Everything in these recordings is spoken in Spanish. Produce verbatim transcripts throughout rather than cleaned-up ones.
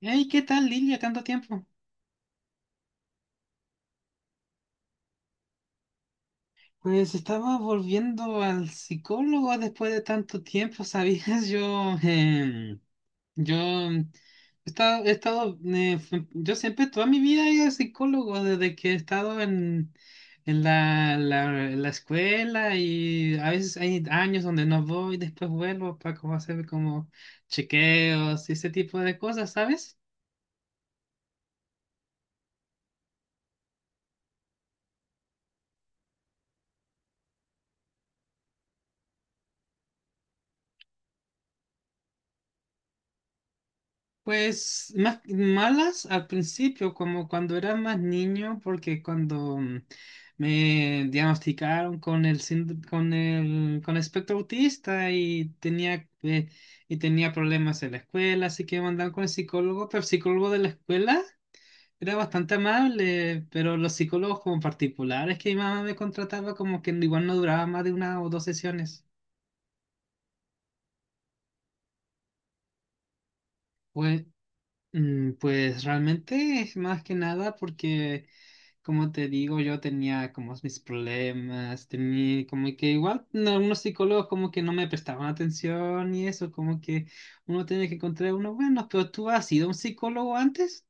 Hey, ¿qué tal, Lilia? ¿Tanto tiempo? Pues estaba volviendo al psicólogo después de tanto tiempo, ¿sabías? Yo, em, yo he estado, he estado, eh, f- yo siempre toda mi vida he ido al psicólogo desde que he estado en, en la, la, la escuela y a veces hay años donde no voy, después vuelvo para como hacer como chequeos y ese tipo de cosas, ¿sabes? Pues más malas al principio, como cuando era más niño, porque cuando mm, me diagnosticaron con el sínd- con el con espectro autista y tenía eh, y tenía problemas en la escuela, así que me mandaron con el psicólogo, pero el psicólogo de la escuela era bastante amable, pero los psicólogos como particulares que mi mamá me contrataba como que igual no duraba más de una o dos sesiones. Pues, mm, pues realmente es más que nada porque como te digo, yo tenía como mis problemas, tenía como que igual no, algunos psicólogos como que no me prestaban atención y eso, como que uno tiene que encontrar uno bueno, pero ¿tú has sido un psicólogo antes?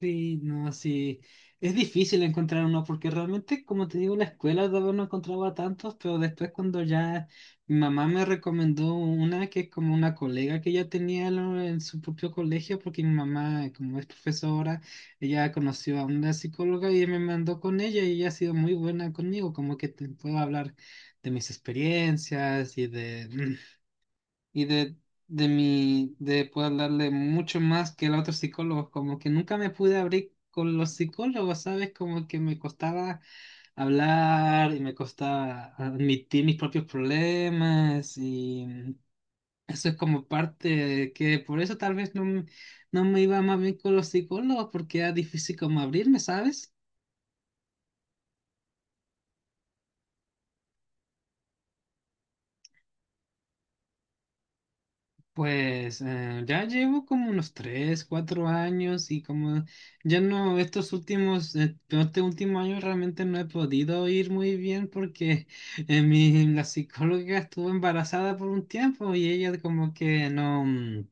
Sí, no, sí. Es difícil encontrar uno porque realmente, como te digo, en la escuela todavía no encontraba tantos, pero después cuando ya mi mamá me recomendó una que es como una colega que ella tenía en lo- en su propio colegio, porque mi mamá, como es profesora, ella conoció a una psicóloga y me mandó con ella y ella ha sido muy buena conmigo, como que te puedo hablar de mis experiencias y de y de, de mi, de poder darle mucho más que el otro psicólogo, como que nunca me pude abrir con los psicólogos, ¿sabes? Como que me costaba hablar y me costaba admitir mis propios problemas y eso es como parte de que por eso tal vez no, me- no me iba más bien con los psicólogos porque era difícil como abrirme, ¿sabes? Pues eh, ya llevo como unos tres cuatro años y como ya no, estos últimos, eh, este último año realmente no he podido ir muy bien porque eh, mi, la psicóloga estuvo embarazada por un tiempo y ella como que no, mm,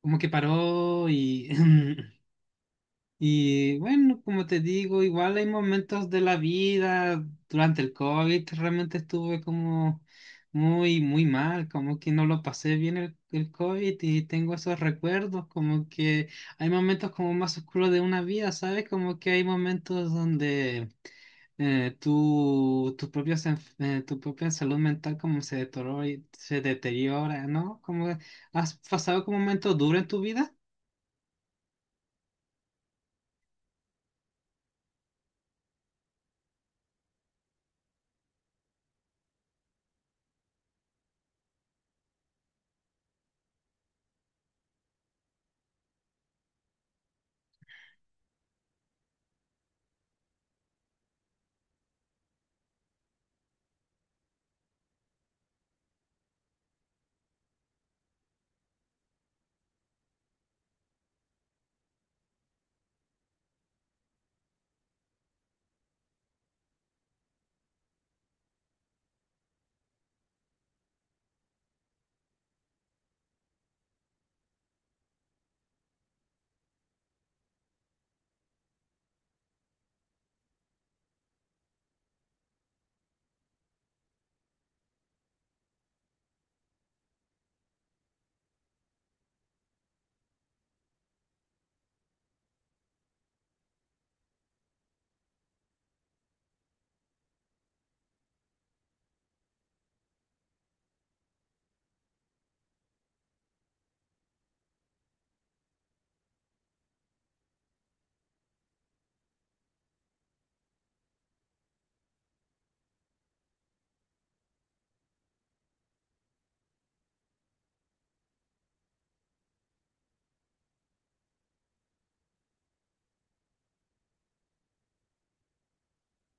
como que paró y Y bueno, como te digo, igual hay momentos de la vida, durante el COVID realmente estuve como muy, muy mal, como que no lo pasé bien el, el COVID y tengo esos recuerdos, como que hay momentos como más oscuros de una vida, ¿sabes? Como que hay momentos donde eh, tu, tu, propia, tu propia salud mental como se deteriora, y- se deteriora, ¿no? Como has pasado como momentos duros en tu vida.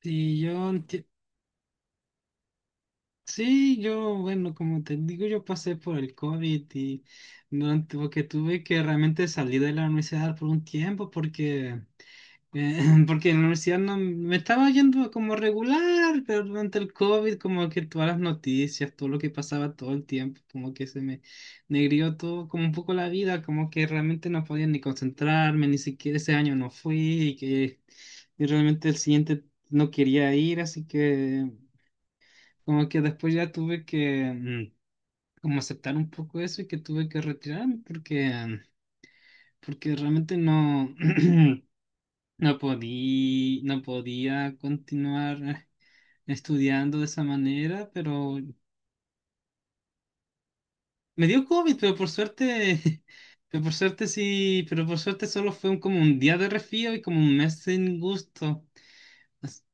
Y yo enti- Sí, yo, bueno, como te digo, yo pasé por el COVID y durante, porque tuve que realmente salir de la universidad por un tiempo porque, eh, porque en la universidad no, me estaba yendo como regular, pero durante el COVID como que todas las noticias, todo lo que pasaba todo el tiempo, como que se me negrió todo, como un poco la vida, como que realmente no podía ni concentrarme, ni siquiera ese año no fui y que y realmente el siguiente no quería ir, así que... Como que después ya tuve que mm, como aceptar un poco eso y que tuve que retirarme porque, porque realmente no, no podí, no podía continuar estudiando de esa manera, pero me dio COVID, pero por suerte, pero por suerte sí, pero por suerte solo fue un- como un día de resfrío y como un mes sin gusto. As-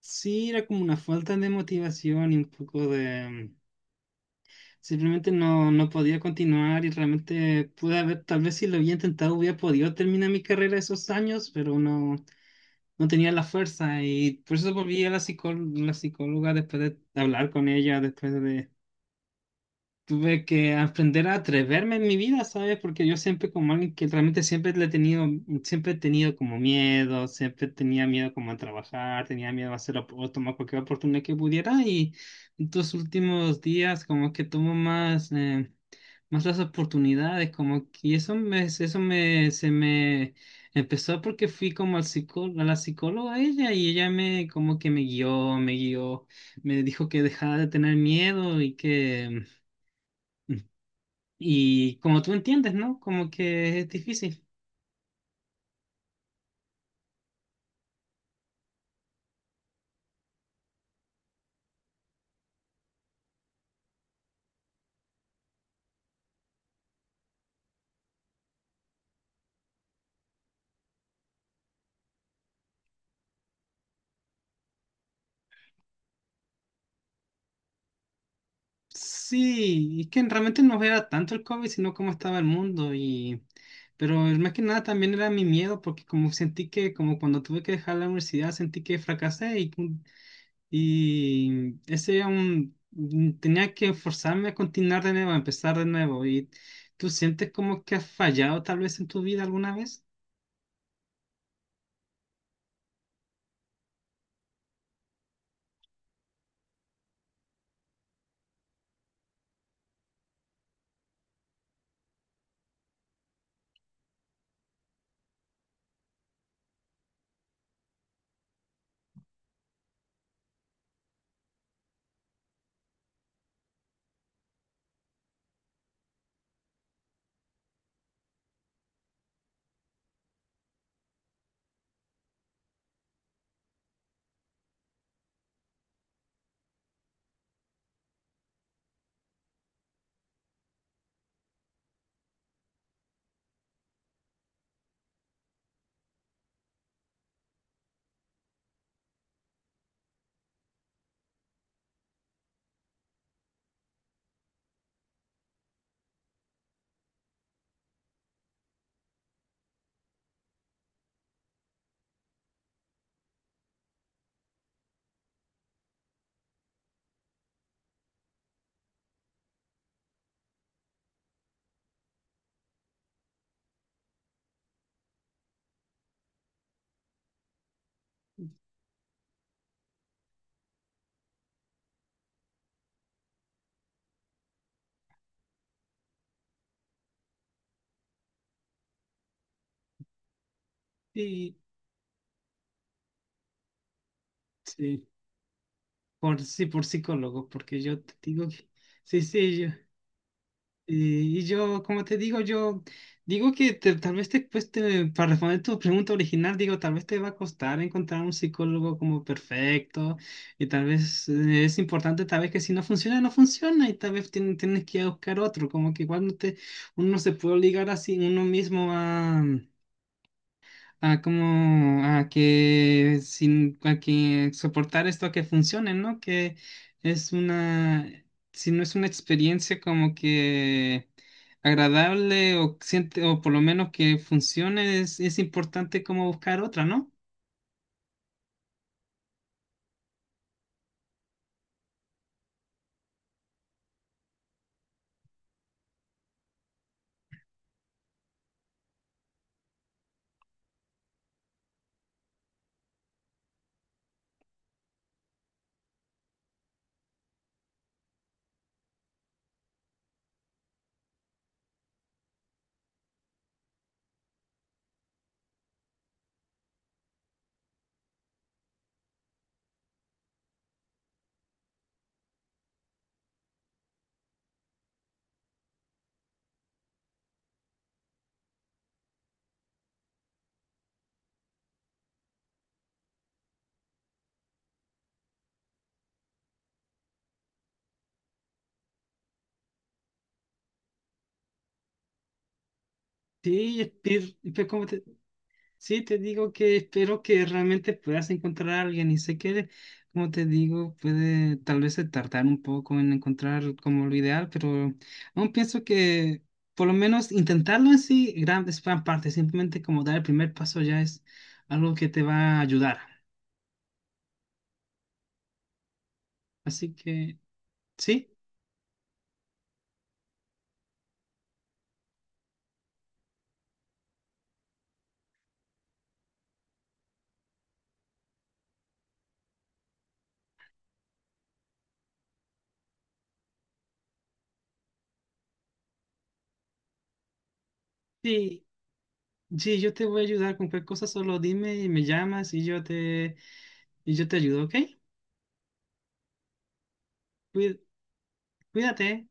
Sí, era como una falta de motivación y un poco de... Simplemente no, no podía continuar y realmente pude haber, tal vez si lo había intentado, hubiera podido terminar mi carrera esos años, pero no, no tenía la fuerza y por eso volví a la psicó- la psicóloga después de hablar con ella, después de, tuve que aprender a atreverme en mi vida, ¿sabes? Porque yo siempre como alguien que realmente siempre le he tenido, siempre he tenido como miedo, siempre tenía miedo como a trabajar, tenía miedo a hacer op- o tomar cualquier oportunidad que pudiera y en estos últimos días como que tomo más, eh, más las oportunidades, como que y eso me, eso me, se me empezó porque fui como al psicó, a la psicóloga ella y ella me como que me guió, me guió, me dijo que dejara de tener miedo y que... Y como tú entiendes, ¿no? Como que es difícil. Sí, es que realmente no era tanto el COVID, sino cómo estaba el mundo y... Pero más que nada también era mi miedo, porque como sentí que, como cuando tuve que dejar la universidad, sentí que fracasé y, y ese era un... tenía que forzarme a continuar de nuevo, a empezar de nuevo. ¿Y tú sientes como que has fallado tal vez en tu vida alguna vez? Sí, sí, por, sí, por psicólogo, porque yo te digo que... Sí, sí, yo. Y, y yo, como te digo, yo digo que te- tal vez te cueste, para responder tu pregunta original, digo, tal vez te va a costar encontrar un psicólogo como perfecto y tal vez eh, es importante, tal vez que si no funciona, no funciona y tal vez tien- tienes que ir a buscar otro, como que igual no te, uno no se puede obligar así uno mismo a a como a que sin a que soportar esto a que funcione, ¿no? Que es una si no es una experiencia como que agradable o siente o por lo menos que funcione es, es importante como buscar otra, ¿no? Sí, es, peer- pe- ¿cómo? Sí, te digo que espero que realmente puedas encontrar a alguien y sé que, como te digo, puede tal vez se tardar un poco en encontrar como lo ideal, pero aún pienso que por lo menos intentarlo en sí gran, es gran parte, simplemente como dar el primer paso ya es algo que te va a ayudar. Así que, sí, sí, sí, yo te voy a ayudar con cualquier cosa, solo dime y me llamas y yo te, y yo te ayudo, ¿ok? Cuí- Cuídate.